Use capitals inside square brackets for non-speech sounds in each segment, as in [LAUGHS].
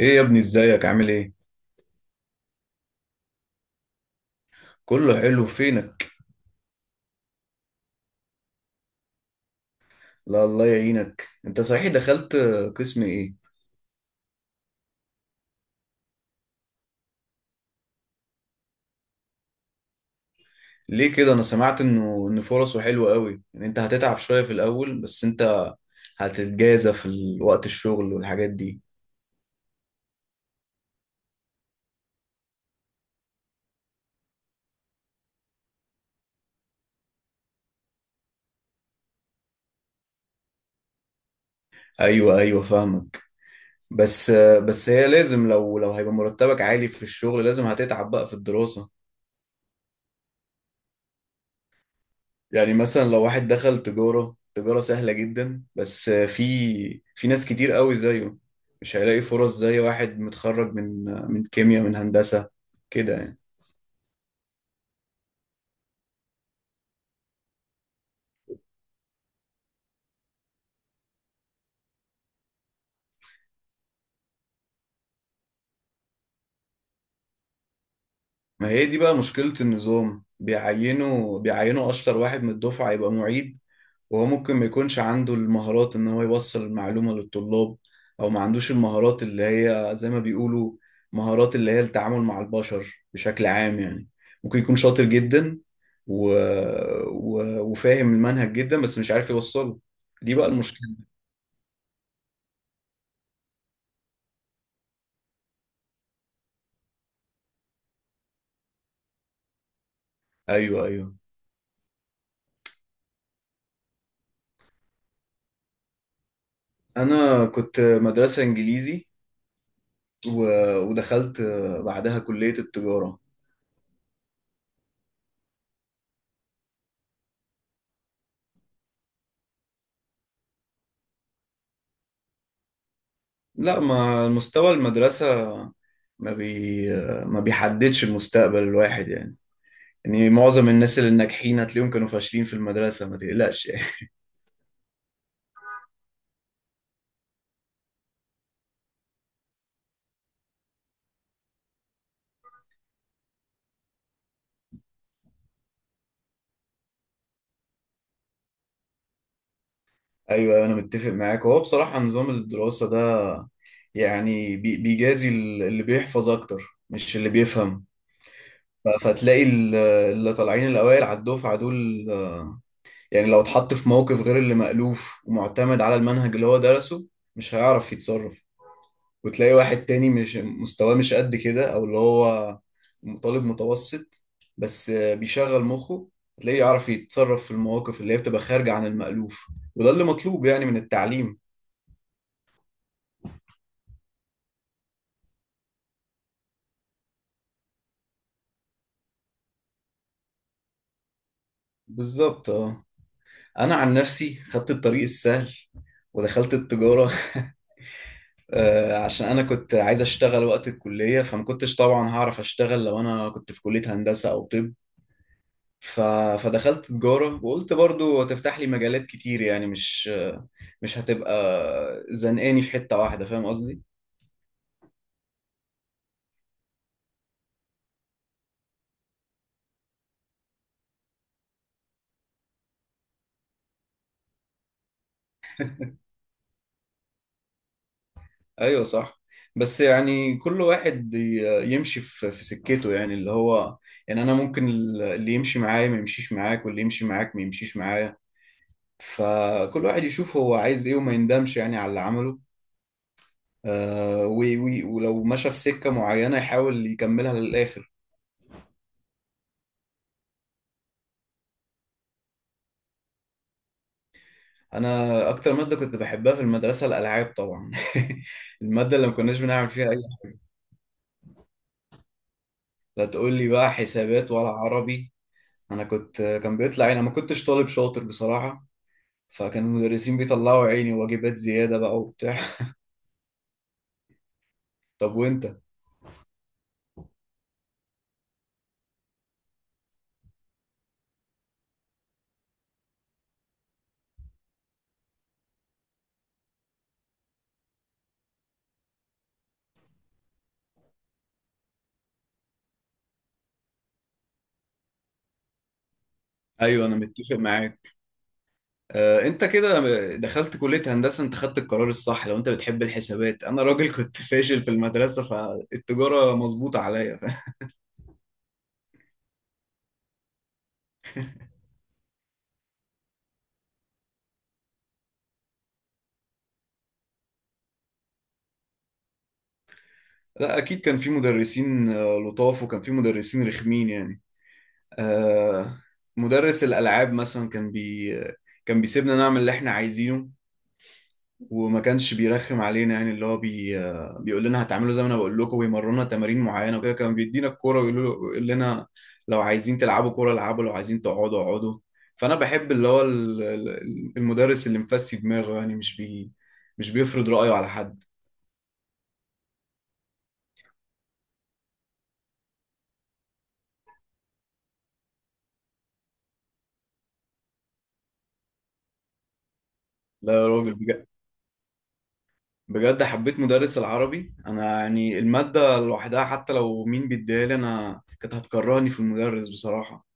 ايه يا ابني، ازيك؟ عامل ايه؟ كله حلو. فينك؟ لا، الله يعينك. انت صحيح دخلت قسم ايه؟ ليه كده؟ انا سمعت انه فرصه حلوه قوي، ان انت هتتعب شويه في الاول بس انت هتتجازى في وقت الشغل والحاجات دي. ايوه ايوه، فاهمك. بس بس هي لازم، لو هيبقى مرتبك عالي في الشغل لازم هتتعب بقى في الدراسة. يعني مثلا لو واحد دخل تجارة، تجارة سهلة جدا، بس في ناس كتير قوي زيه، مش هيلاقي فرص زي واحد متخرج من كيمياء، من هندسة كده يعني. ما هي دي بقى مشكلة النظام، بيعينوا أشطر واحد من الدفعة يبقى معيد، وهو ممكن ما يكونش عنده المهارات ان هو يوصل المعلومة للطلاب، او ما عندوش المهارات اللي هي زي ما بيقولوا مهارات، اللي هي التعامل مع البشر بشكل عام يعني. ممكن يكون شاطر جدا و... وفاهم المنهج جدا بس مش عارف يوصله. دي بقى المشكلة. ايوه ايوه. انا كنت مدرسة انجليزي و... ودخلت بعدها كلية التجارة. لا، ما مستوى المدرسة ما بي ما بيحددش المستقبل الواحد يعني. يعني معظم الناس الناجحين هتلاقيهم كانوا فاشلين في المدرسة. ما تقلقش يعني. [LAUGHS] ايوه، انا متفق معاك. هو بصراحة نظام الدراسة ده يعني بيجازي اللي بيحفظ اكتر، مش اللي بيفهم. فتلاقي اللي طالعين الاوائل على الدفعة دول، يعني لو اتحط في موقف غير اللي مألوف ومعتمد على المنهج اللي هو درسه مش هيعرف يتصرف. وتلاقي واحد تاني مش مستواه، مش قد كده، او اللي هو طالب متوسط، بس بيشغل مخه، هتلاقيه يعرف يتصرف في المواقف اللي هي بتبقى خارجة عن المألوف. وده اللي مطلوب يعني من التعليم. بالظبط، اه. انا عن نفسي خدت الطريق السهل ودخلت التجارة. [LAUGHS] عشان انا كنت عايز اشتغل وقت الكلية، فما كنتش طبعا هعرف اشتغل لو انا كنت في كلية هندسة او طب. ف... فدخلت تجارة وقلت برضو هتفتح لي مجالات كتير، يعني مش مش هتبقى زنقاني في حتة واحدة، فاهم قصدي. ايوه صح. بس يعني كل واحد يمشي في سكته، يعني اللي هو، يعني انا ممكن اللي يمشي معايا ما يمشيش معاك، واللي يمشي معاك ما يمشيش معايا. فكل واحد يشوف هو عايز ايه، وما يندمش يعني على اللي عمله، ولو مشى في سكة معينة يحاول يكملها للآخر. انا اكتر مادة كنت بحبها في المدرسة الالعاب طبعا. [LAUGHS] المادة اللي ما كناش بنعمل فيها اي. لا، تقول لي بقى حسابات ولا عربي؟ انا كنت، بيطلع يعني، أنا ما كنتش طالب شاطر بصراحة. فكان المدرسين بيطلعوا عيني واجبات زيادة بقى وبتاع. [LAUGHS] طب وانت؟ ايوه، انا متفق معاك. انت كده دخلت كلية هندسة، انت خدت القرار الصح. لو انت بتحب الحسابات، انا راجل كنت [LAUGHS] فاشل في المدرسة، فالتجارة مظبوطة عليا. [LAUGHS] لا اكيد، كان في مدرسين لطاف، وكان في مدرسين رخمين يعني. آه، مدرس الالعاب مثلا كان بيسيبنا نعمل اللي احنا عايزينه وما كانش بيرخم علينا، يعني اللي هو بي آه، بيقول لنا هتعملوا زي ما انا بقول لكم ويمرنا تمارين معينه وكده. كان بيدينا الكوره ويقول له- يقول لنا لو عايزين تلعبوا كوره العبوا، لو عايزين تقعدوا اقعدوا. فانا بحب اللي هو المدرس اللي مفسي دماغه، يعني مش بيفرض رأيه على حد. لا يا راجل، بجد بجد حبيت مدرس العربي انا. يعني المادة لوحدها، حتى لو مين بيديها لي انا، كانت هتكرهني في المدرس بصراحة.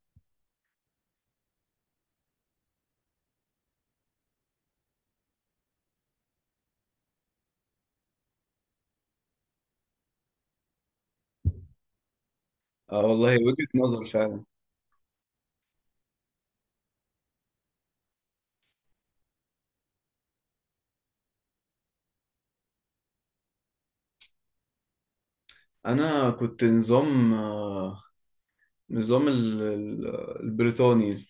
اه والله، وجهة نظر فعلا. انا كنت نظام النظام البريطاني.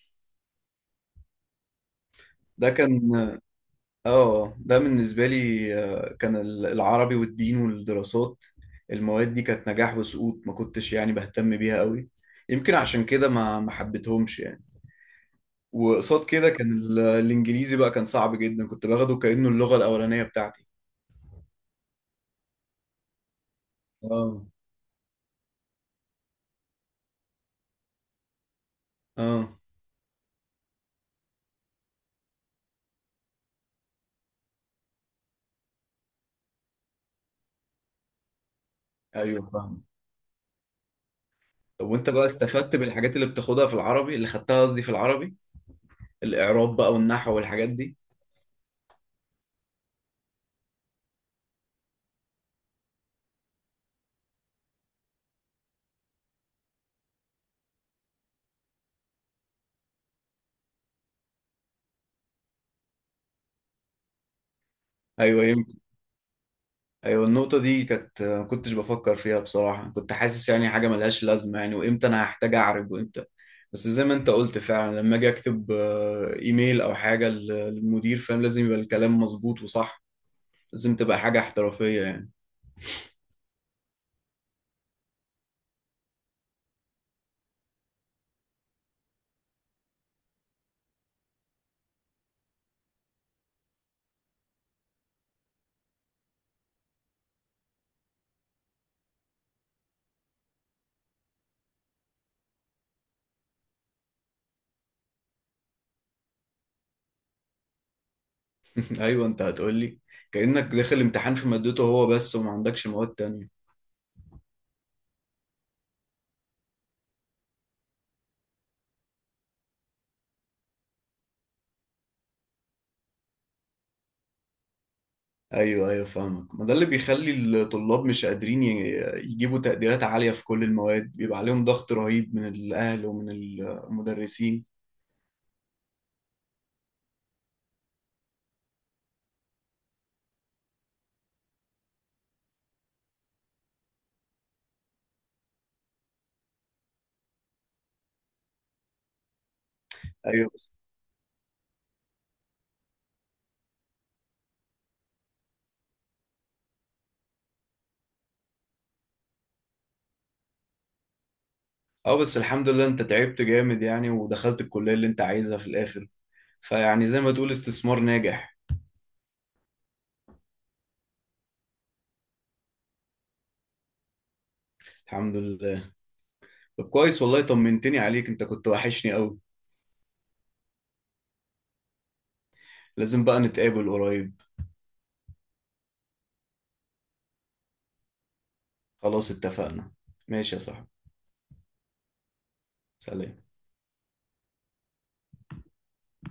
ده كان، اه ده بالنسبة لي كان العربي والدين والدراسات، المواد دي كانت نجاح وسقوط، ما كنتش يعني بهتم بيها قوي. يمكن عشان كده ما حبيتهمش يعني. وقصاد كده كان الانجليزي بقى كان صعب جدا، كنت باخده كأنه اللغة الأولانية بتاعتي. اه. اه ايوه، فاهم. طب وانت بقى استفدت بالحاجات اللي بتاخدها في العربي، اللي خدتها قصدي في العربي، الإعراب بقى والنحو والحاجات دي؟ ايوه ايوه. النقطة دي كانت ما كنتش بفكر فيها بصراحة، كنت حاسس يعني حاجة ملهاش لازمة يعني، وامتى انا هحتاج اعرج وامتى. بس زي ما انت قلت فعلا، لما اجي اكتب ايميل او حاجة للمدير فاهم، لازم يبقى الكلام مظبوط وصح، لازم تبقى حاجة احترافية يعني. [LAUGHS] ايوه، انت هتقولي كأنك داخل امتحان في مادته هو بس وما عندكش مواد تانية. ايوه ايوه، فاهمك. ما ده اللي بيخلي الطلاب مش قادرين يجيبوا تقديرات عالية في كل المواد، بيبقى عليهم ضغط رهيب من الاهل ومن المدرسين. ايوه. اه بس الحمد لله، انت تعبت جامد يعني ودخلت الكلية اللي انت عايزها في الاخر. فيعني زي ما تقول استثمار ناجح. الحمد لله. طب كويس والله، طمنتني عليك، انت كنت وحشني قوي. لازم بقى نتقابل قريب. خلاص اتفقنا. ماشي يا صاحبي. سلام.